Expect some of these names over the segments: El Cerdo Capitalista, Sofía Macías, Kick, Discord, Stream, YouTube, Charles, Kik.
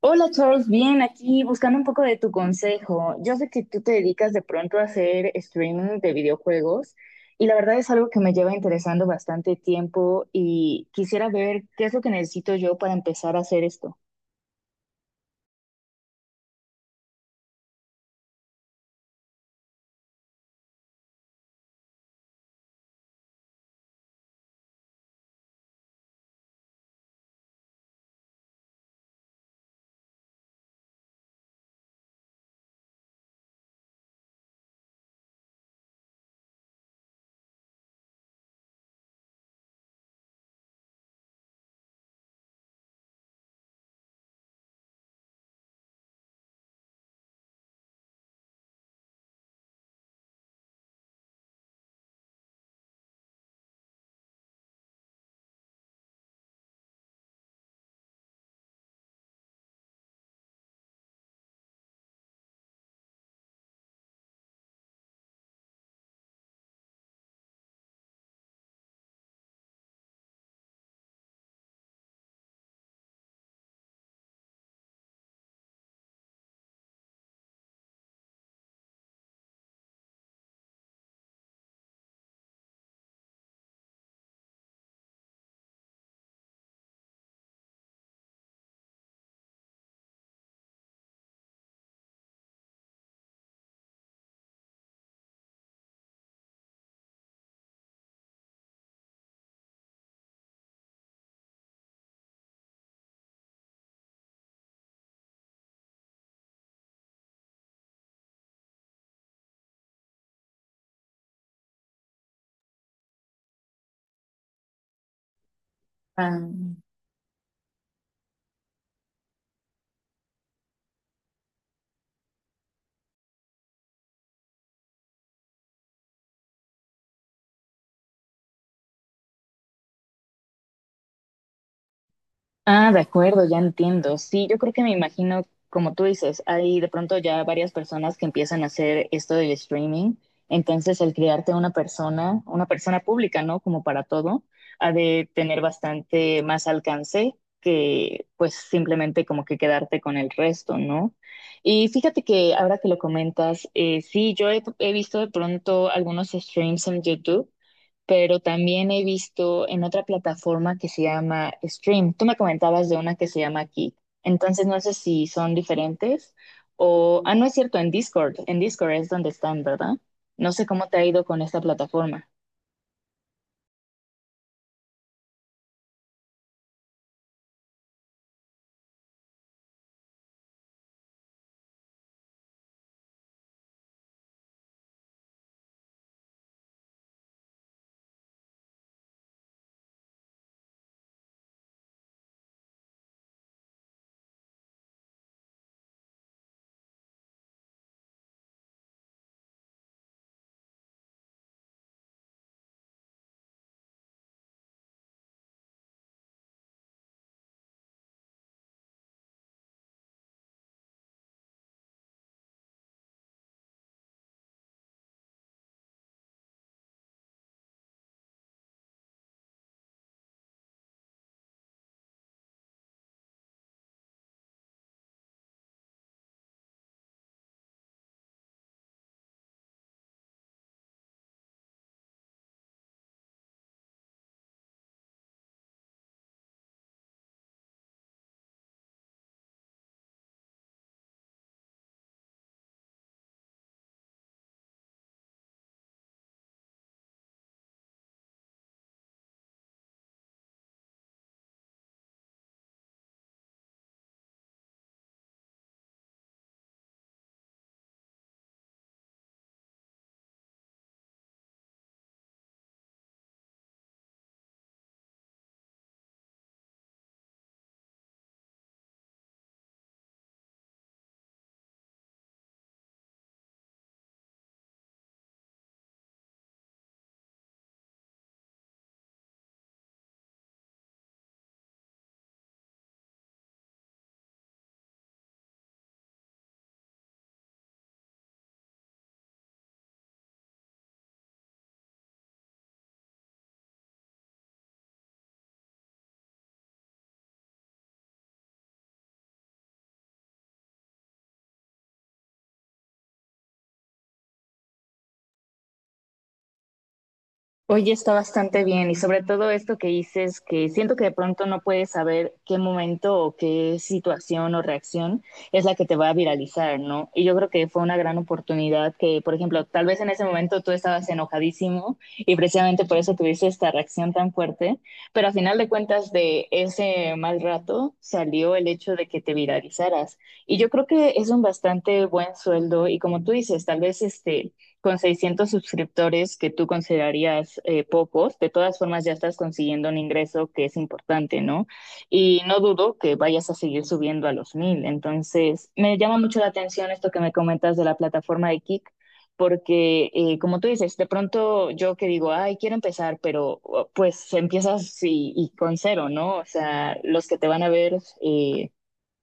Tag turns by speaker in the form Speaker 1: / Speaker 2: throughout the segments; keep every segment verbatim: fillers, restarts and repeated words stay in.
Speaker 1: Hola Charles, bien, aquí buscando un poco de tu consejo. Yo sé que tú te dedicas de pronto a hacer streaming de videojuegos y la verdad es algo que me lleva interesando bastante tiempo y quisiera ver qué es lo que necesito yo para empezar a hacer esto. Ah. Ah, de acuerdo, ya entiendo. Sí, yo creo que me imagino, como tú dices, hay de pronto ya varias personas que empiezan a hacer esto del streaming. Entonces, el crearte una persona, una persona pública, ¿no? Como para todo, ha de tener bastante más alcance que pues simplemente como que quedarte con el resto, ¿no? Y fíjate que ahora que lo comentas, eh, sí, yo he, he visto de pronto algunos streams en YouTube pero también he visto en otra plataforma que se llama Stream. Tú me comentabas de una que se llama Kick. Entonces no sé si son diferentes o, ah, no es cierto, en Discord. En Discord es donde están, ¿verdad? No sé cómo te ha ido con esta plataforma. Oye, está bastante bien y sobre todo esto que dices, que siento que de pronto no puedes saber qué momento o qué situación o reacción es la que te va a viralizar, ¿no? Y yo creo que fue una gran oportunidad que, por ejemplo, tal vez en ese momento tú estabas enojadísimo y precisamente por eso tuviste esta reacción tan fuerte, pero a final de cuentas de ese mal rato salió el hecho de que te viralizaras. Y yo creo que es un bastante buen sueldo y como tú dices, tal vez este con seiscientos suscriptores que tú considerarías eh, pocos, de todas formas ya estás consiguiendo un ingreso que es importante, ¿no? Y no dudo que vayas a seguir subiendo a los mil. Entonces, me llama mucho la atención esto que me comentas de la plataforma de Kik, porque eh, como tú dices, de pronto yo que digo, ay, quiero empezar, pero oh, pues empiezas y, y con cero, ¿no? O sea, los que te van a ver eh,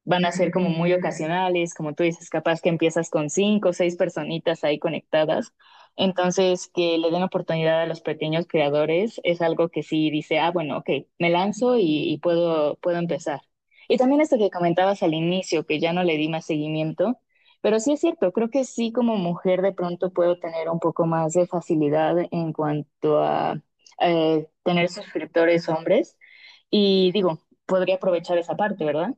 Speaker 1: van a ser como muy ocasionales, como tú dices, capaz que empiezas con cinco o seis personitas ahí conectadas. Entonces, que le den oportunidad a los pequeños creadores es algo que sí dice, ah, bueno, ok, me lanzo y, y puedo, puedo empezar. Y también esto que comentabas al inicio, que ya no le di más seguimiento, pero sí es cierto, creo que sí como mujer de pronto puedo tener un poco más de facilidad en cuanto a eh, tener suscriptores hombres. Y digo, podría aprovechar esa parte, ¿verdad?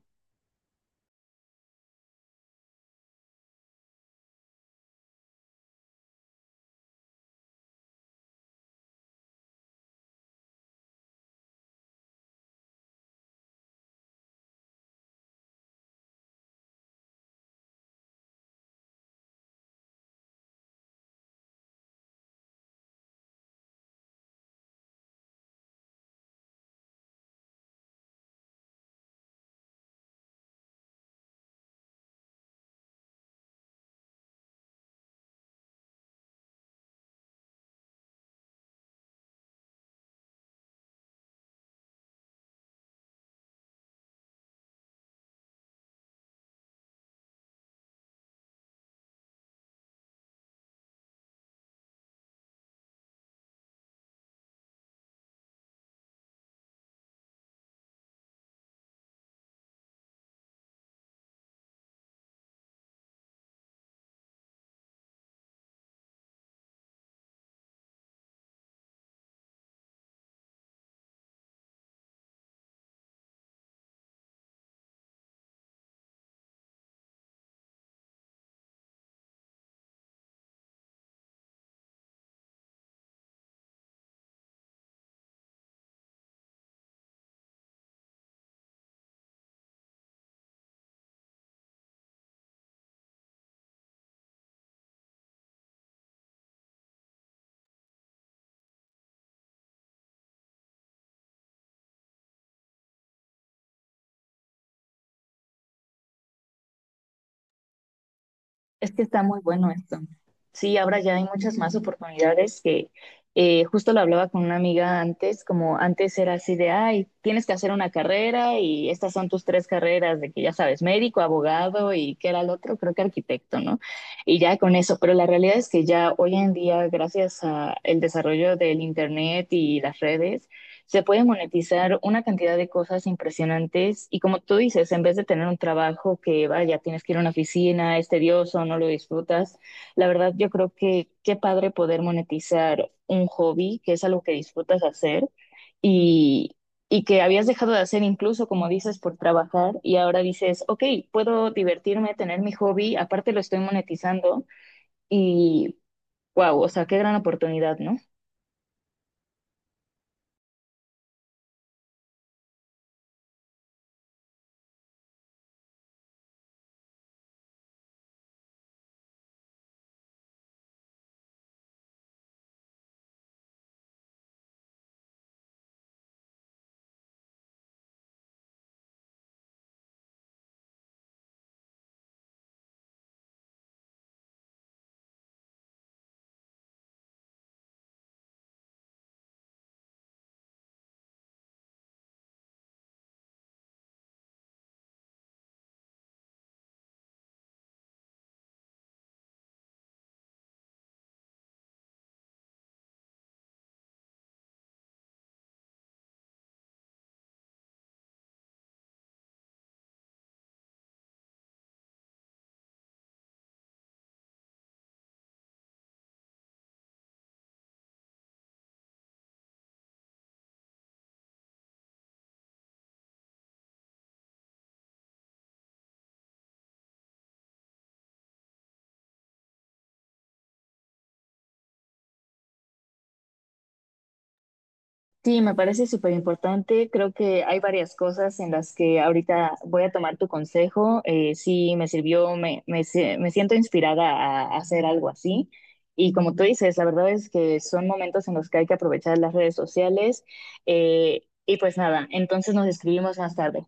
Speaker 1: Es que está muy bueno esto. Sí, ahora ya hay muchas más oportunidades que eh, justo lo hablaba con una amiga antes, como antes era así de, ay, tienes que hacer una carrera y estas son tus tres carreras, de que ya sabes, médico, abogado y qué era el otro, creo que arquitecto, ¿no? Y ya con eso, pero la realidad es que ya hoy en día, gracias al desarrollo del Internet y las redes, se puede monetizar una cantidad de cosas impresionantes y como tú dices, en vez de tener un trabajo que vaya, tienes que ir a una oficina, es tedioso, no lo disfrutas, la verdad yo creo que qué padre poder monetizar un hobby, que es algo que disfrutas hacer y, y que habías dejado de hacer incluso, como dices, por trabajar y ahora dices, ok, puedo divertirme, tener mi hobby, aparte lo estoy monetizando y wow, o sea, qué gran oportunidad, ¿no? Sí, me parece súper importante. Creo que hay varias cosas en las que ahorita voy a tomar tu consejo. Eh, sí, me sirvió, me, me, sie- me siento inspirada a hacer algo así. Y como tú dices, la verdad es que son momentos en los que hay que aprovechar las redes sociales. Eh, y pues nada, entonces nos escribimos más tarde.